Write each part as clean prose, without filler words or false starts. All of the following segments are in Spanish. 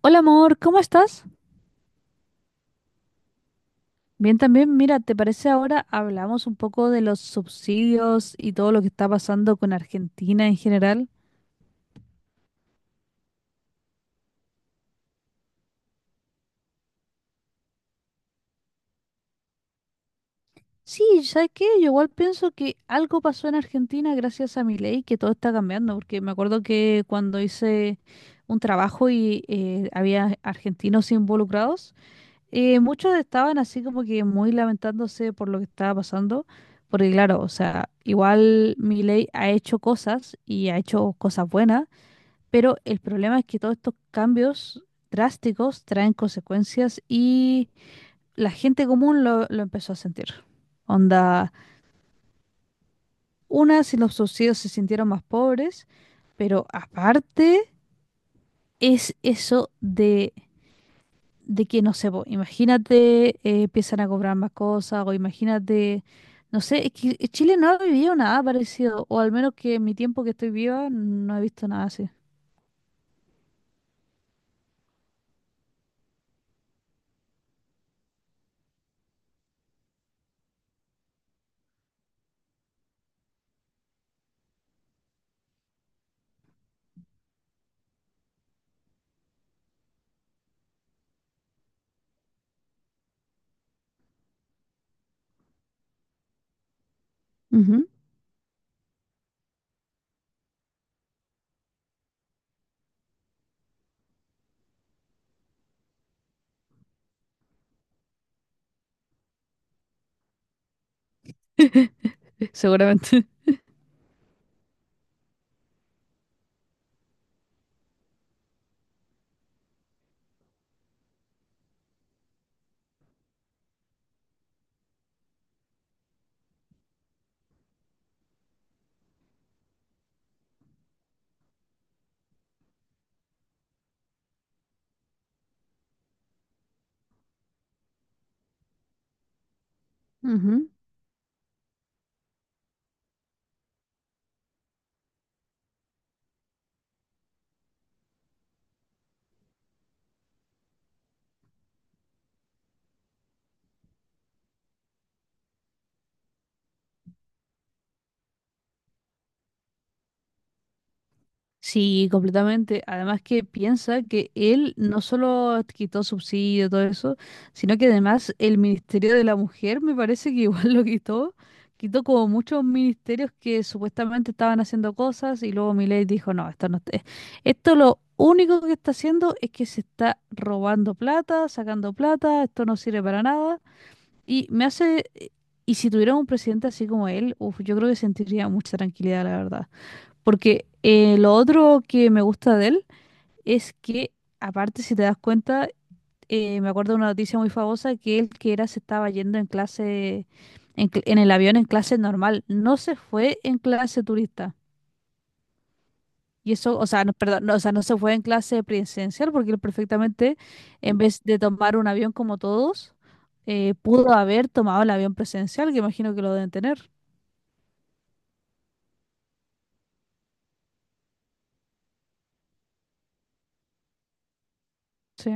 Hola amor, ¿cómo estás? Bien también, mira, ¿te parece ahora hablamos un poco de los subsidios y todo lo que está pasando con Argentina en general? Sí, ¿sabes qué? Yo igual pienso que algo pasó en Argentina gracias a mi ley, que todo está cambiando, porque me acuerdo que cuando hice un trabajo y había argentinos involucrados. Muchos estaban así como que muy lamentándose por lo que estaba pasando. Porque claro, o sea, igual Milei ha hecho cosas y ha hecho cosas buenas, pero el problema es que todos estos cambios drásticos traen consecuencias y la gente común lo empezó a sentir. Onda, una, si los subsidios se sintieron más pobres, pero aparte es eso de que, no sé, po, imagínate, empiezan a cobrar más cosas, o imagínate, no sé, es que Chile no ha vivido nada parecido, o al menos que en mi tiempo que estoy viva no he visto nada así. Ujú. Seguramente. Ujú. Sí, completamente. Además que piensa que él no solo quitó subsidio, todo eso, sino que además el Ministerio de la Mujer me parece que igual lo quitó. Quitó como muchos ministerios que supuestamente estaban haciendo cosas y luego Milei dijo, no, esto no está... Esto lo único que está haciendo es que se está robando plata, sacando plata, esto no sirve para nada. Y me hace... Y si tuviera un presidente así como él, uf, yo creo que sentiría mucha tranquilidad, la verdad. Porque lo otro que me gusta de él es que, aparte, si te das cuenta, me acuerdo de una noticia muy famosa que él que era se estaba yendo en clase, en, en el avión en clase normal, no se fue en clase turista. Y eso, o sea, no, perdón, no, o sea, no se fue en clase presidencial porque él perfectamente, en vez de tomar un avión como todos, pudo haber tomado el avión presidencial, que imagino que lo deben tener. Sí,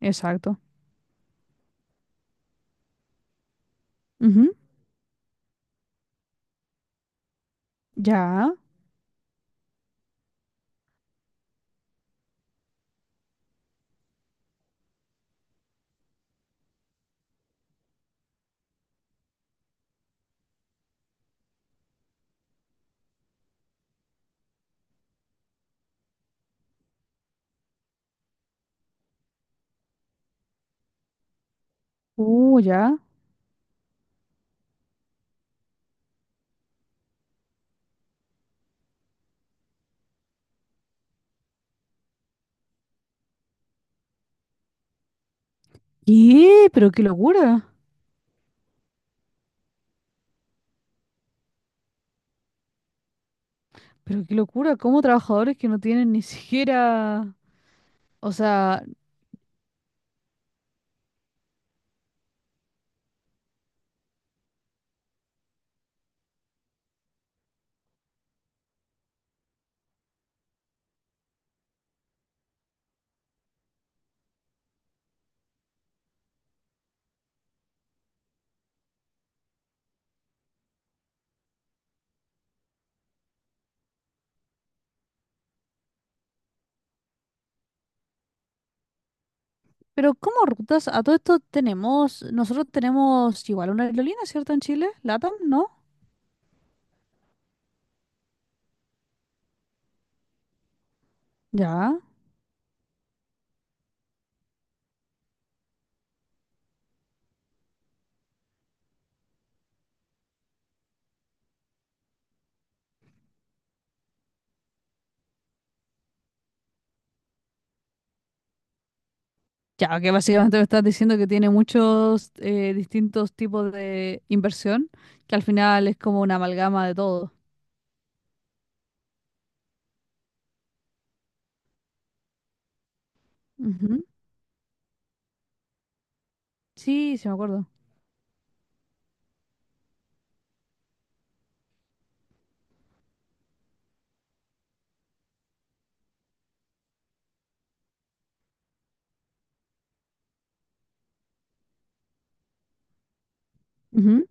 exacto. Ujú. Ya. Ya. ¿Qué? Pero qué locura. Pero qué locura. ¿Cómo trabajadores que no tienen ni siquiera... O sea, pero ¿cómo rutas? A todo esto tenemos... Nosotros tenemos igual una aerolínea, ¿cierto? En Chile. LATAM, ¿no? Ya. Ya, que básicamente me estás diciendo que tiene muchos distintos tipos de inversión, que al final es como una amalgama de todo. Ujú. Sí, sí me acuerdo. Ujú.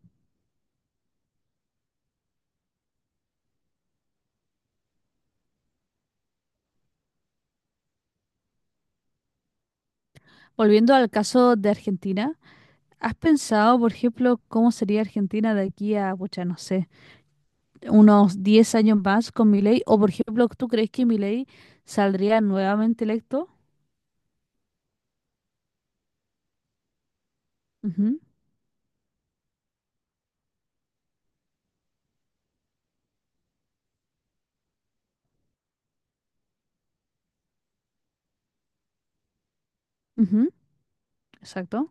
Volviendo al caso de Argentina, ¿has pensado, por ejemplo, cómo sería Argentina de aquí a, pucha, no sé, unos 10 años más con Milei? O, por ejemplo, ¿tú crees que Milei saldría nuevamente electo? Ujú, ujú, exacto.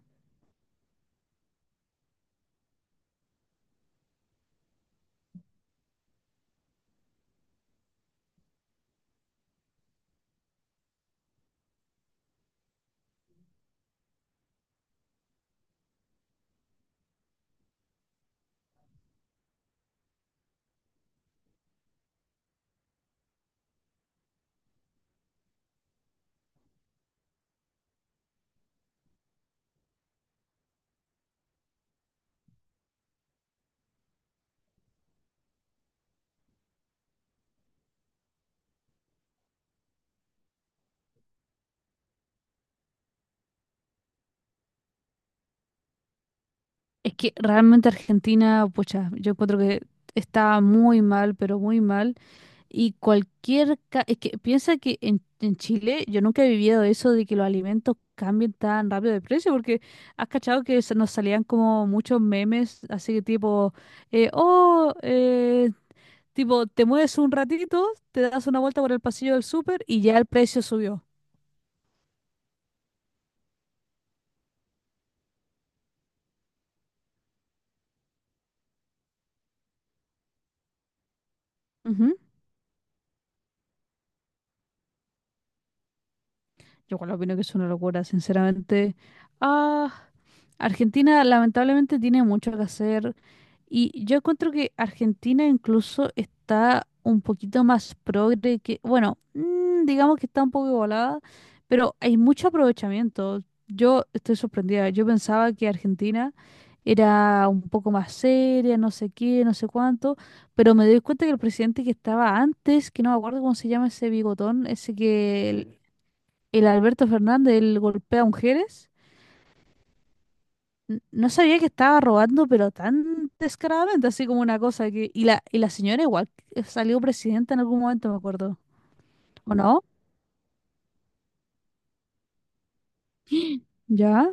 Es que realmente Argentina, pucha, yo encuentro que está muy mal, pero muy mal. Y cualquier... ca- Es que piensa que en Chile yo nunca he vivido eso de que los alimentos cambien tan rápido de precio, porque has cachado que se nos salían como muchos memes, así que tipo, eh, oh, eh, tipo, te mueves un ratito, te das una vuelta por el pasillo del súper y ya el precio subió. Yo igual opino que es una locura, sinceramente. Ah, Argentina lamentablemente tiene mucho que hacer y yo encuentro que Argentina incluso está un poquito más progre que, bueno, digamos que está un poco igualada, pero hay mucho aprovechamiento. Yo estoy sorprendida. Yo pensaba que Argentina era un poco más seria, no sé qué, no sé cuánto, pero me doy cuenta que el presidente que estaba antes, que no me acuerdo cómo se llama ese bigotón, ese que el Alberto Fernández, el golpea mujeres. N- No sabía que estaba robando, pero tan descaradamente, así como una cosa que... y la señora igual salió presidenta en algún momento, me acuerdo. ¿O no? ¿Ya?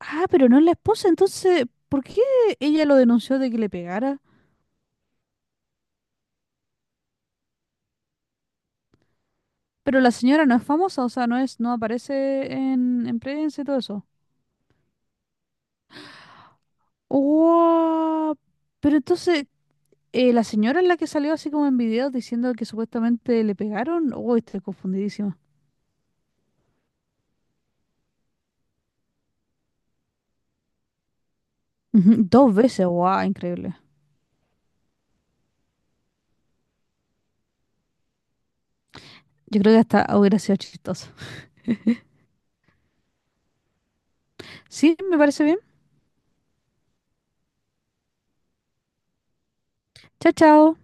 Ah, pero no es la esposa, entonces, ¿por qué ella lo denunció de que le pegara? Pero la señora no es famosa, o sea, no es, no aparece en prensa y todo eso. Wow. Pero entonces, la señora es la que salió así como en videos diciendo que supuestamente le pegaron. Uy, estoy confundidísima. Ujú, 2 veces, wow, increíble. Yo creo que hasta hubiera sido chistoso. Sí, me parece bien. Chao, chao.